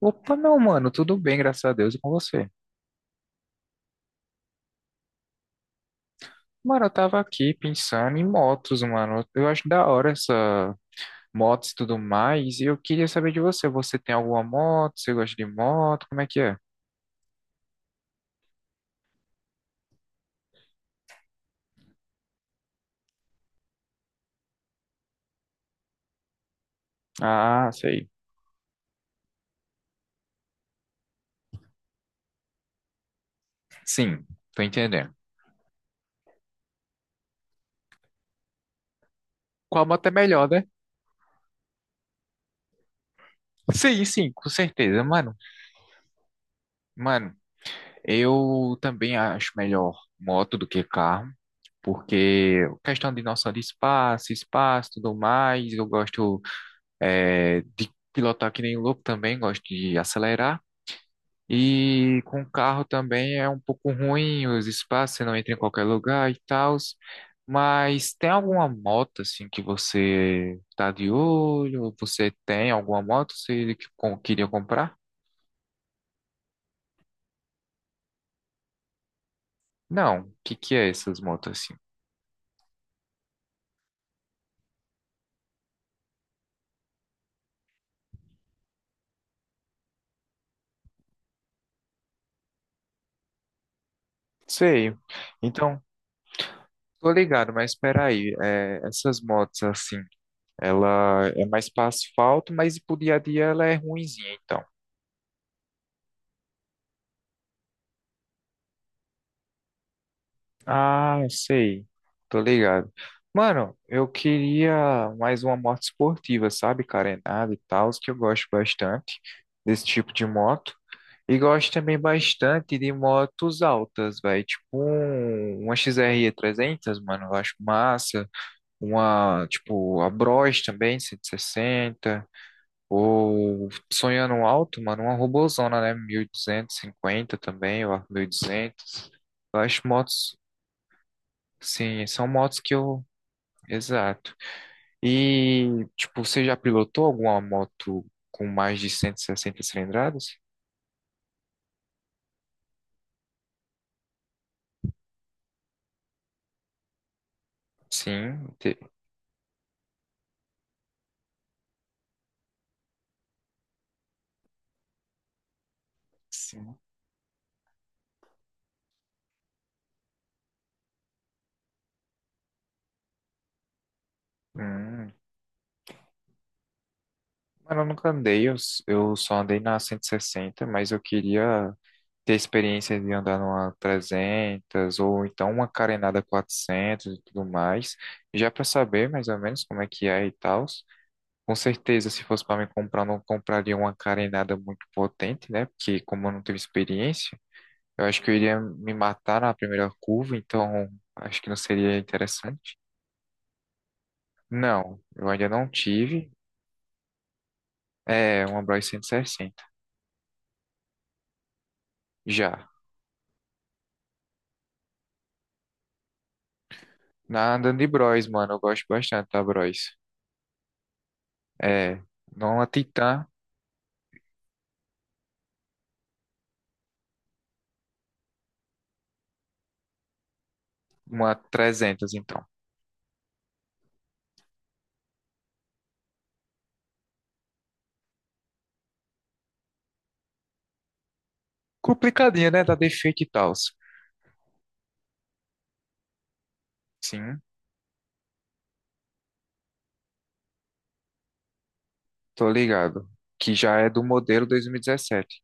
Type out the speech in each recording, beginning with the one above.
Opa, meu mano, tudo bem, graças a Deus, e com você? Mano, eu tava aqui pensando em motos, mano. Eu acho da hora essa motos e tudo mais. E eu queria saber de você. Você tem alguma moto? Você gosta de moto? Como é que é? Ah, sei. Sim, tô entendendo. Qual moto é melhor, né? Sim, sim, com certeza, mano. Mano, eu também acho melhor moto do que carro, porque questão de noção de espaço, espaço, tudo mais. Eu gosto de pilotar que nem louco também, gosto de acelerar. E com o carro também é um pouco ruim os espaços, você não entra em qualquer lugar e tal. Mas tem alguma moto assim que você tá de olho? Ou você tem alguma moto que você que queria comprar? Não, o que que é essas motos assim? Sei. Então, tô ligado, mas espera aí, essas motos assim, ela é mais para asfalto, mas pro dia a dia ela é ruinzinha, então. Ah, sei. Tô ligado. Mano, eu queria mais uma moto esportiva, sabe? Carenada e tal, que eu gosto bastante desse tipo de moto. E gosto também bastante de motos altas, velho. Uma X r 300, mano, eu acho massa. Uma, tipo, a Bros também, 160. Ou sonhando alto, mano, uma robozona, né? 1.250 também, ou 1.200. Eu acho motos. Sim, são motos que eu. Exato. E, tipo, você já pilotou alguma moto com mais de 160 cilindradas? Sim. Sim. Hum, mas eu nunca andei, eu só andei na 160, mas eu queria ter experiência de andar numa 300 ou então uma carenada 400 e tudo mais, já para saber mais ou menos como é que é e tal. Com certeza, se fosse para me comprar, eu não compraria uma carenada muito potente, né? Porque como eu não tive experiência, eu acho que eu iria me matar na primeira curva, então acho que não seria interessante. Não, eu ainda não tive. É, uma Bros 160. Já. Na andando de Bros, mano, eu gosto bastante da Bros. É, não uma Titan, uma 300, então. Complicadinha, né? Da defeito e tal. Sim, tô ligado. Que já é do modelo 2017.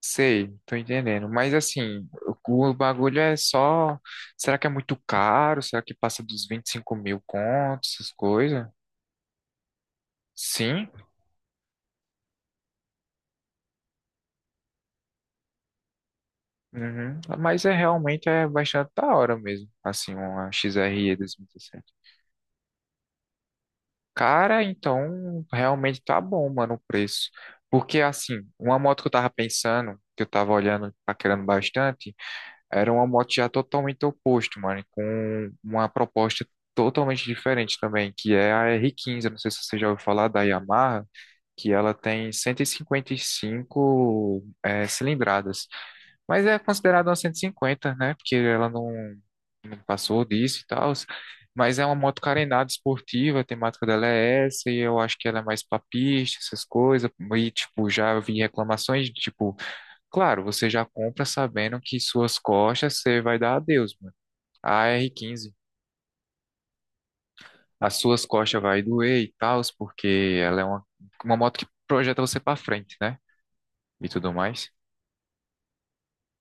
Sei, tô entendendo. Mas assim, o bagulho é só. Será que é muito caro? Será que passa dos 25 mil contos, essas coisas? Sim. Uhum. Mas é realmente é bastante da hora mesmo. Assim, uma X R E dois mil e 2017. Cara, então realmente tá bom, mano, o preço. Porque assim, uma moto que eu tava pensando, que eu tava olhando, paquerando bastante. Era uma moto já totalmente oposto, mano, com uma proposta totalmente diferente também, que é a R15. Eu não sei se você já ouviu falar da Yamaha, que ela tem 155 cilindradas, mas é considerada uma 150, né, porque ela não, não passou disso e tal, mas é uma moto carenada esportiva, a temática dela é essa, e eu acho que ela é mais pra pista, essas coisas, e, tipo, já vi reclamações, de, tipo, claro, você já compra sabendo que suas costas você vai dar adeus, mano. A R15, as suas costas vai doer e tal, porque ela é uma moto que projeta você pra frente, né? E tudo mais.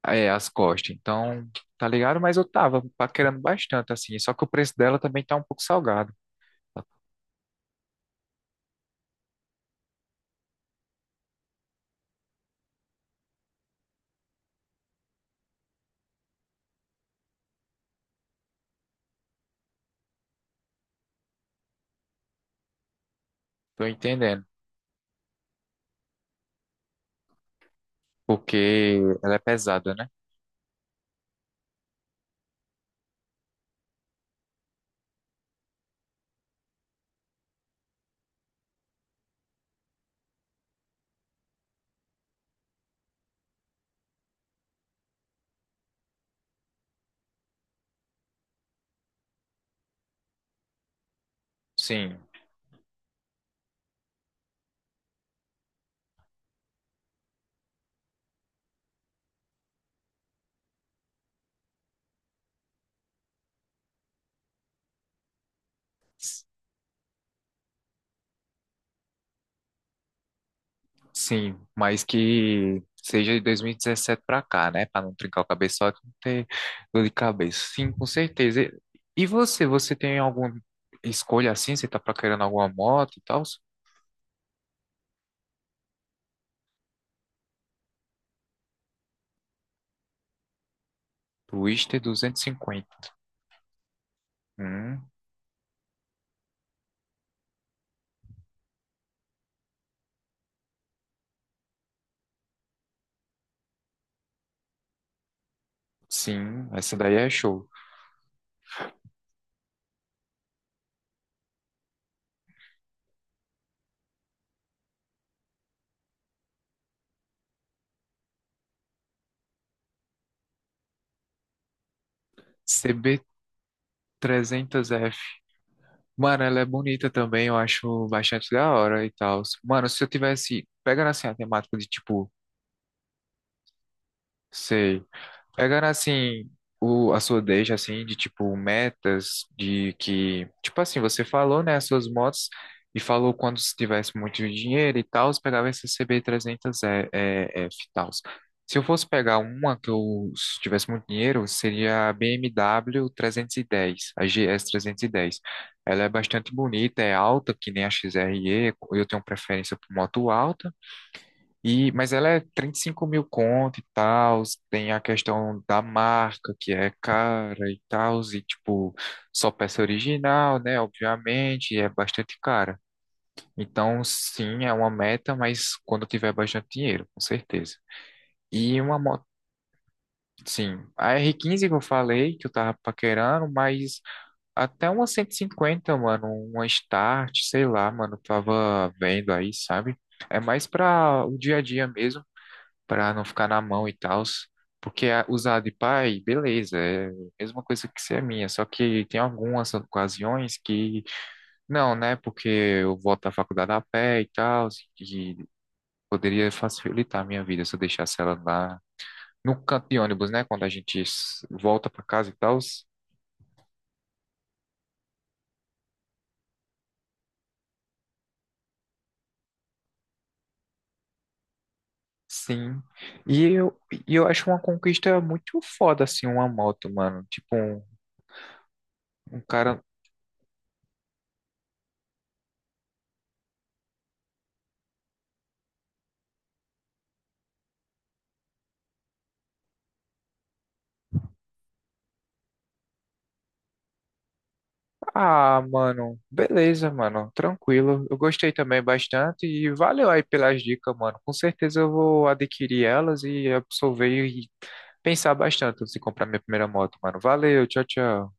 É, as costas. Então, tá ligado? Mas eu tava paquerando bastante, assim. Só que o preço dela também tá um pouco salgado. Tô entendendo. Porque ela é pesada, né? Sim. Sim, mas que seja de 2017 para cá, né? Para não trincar o cabeçote, não ter dor de cabeça. Sim, com certeza. E você tem alguma escolha assim? Você tá procurando alguma moto e tal? Twister 250. Hum, sim, essa daí é show. CB300F. Mano, ela é bonita também, eu acho bastante da hora e tal. Mano, se eu tivesse, pegando assim a temática de tipo, sei. Pegando assim o, a sua deixa assim de tipo metas de que tipo assim você falou né as suas motos e falou quando se tivesse muito dinheiro e tal, você pegava esse CB300 F e tal. Se eu fosse pegar uma que eu se tivesse muito dinheiro, seria a BMW 310, a GS 310. Ela é bastante bonita, é alta, que nem a XRE, eu tenho preferência por moto alta. E, mas ela é 35 mil conto e tal, tem a questão da marca que é cara e tal, e tipo, só peça original, né? Obviamente, e é bastante cara. Então, sim, é uma meta, mas quando eu tiver bastante dinheiro, com certeza. E uma moto, sim, a R15 que eu falei, que eu tava paquerando, mas até uma 150 mano, uma Start, sei lá, mano, eu tava vendo aí, sabe? É mais pra o dia a dia mesmo para não ficar na mão e tal. Porque usar de pai, beleza, é a mesma coisa que ser minha, só que tem algumas ocasiões que não, né? Porque eu volto à faculdade a pé e tal, e poderia facilitar a minha vida se eu deixasse ela lá no canto de ônibus, né? Quando a gente volta para casa e tal. Sim. E eu, e eu acho uma conquista muito foda, assim, uma moto, mano. Tipo, um cara. Ah, mano, beleza, mano, tranquilo. Eu gostei também bastante e valeu aí pelas dicas, mano. Com certeza eu vou adquirir elas e absorver e pensar bastante antes de comprar minha primeira moto, mano. Valeu, tchau, tchau.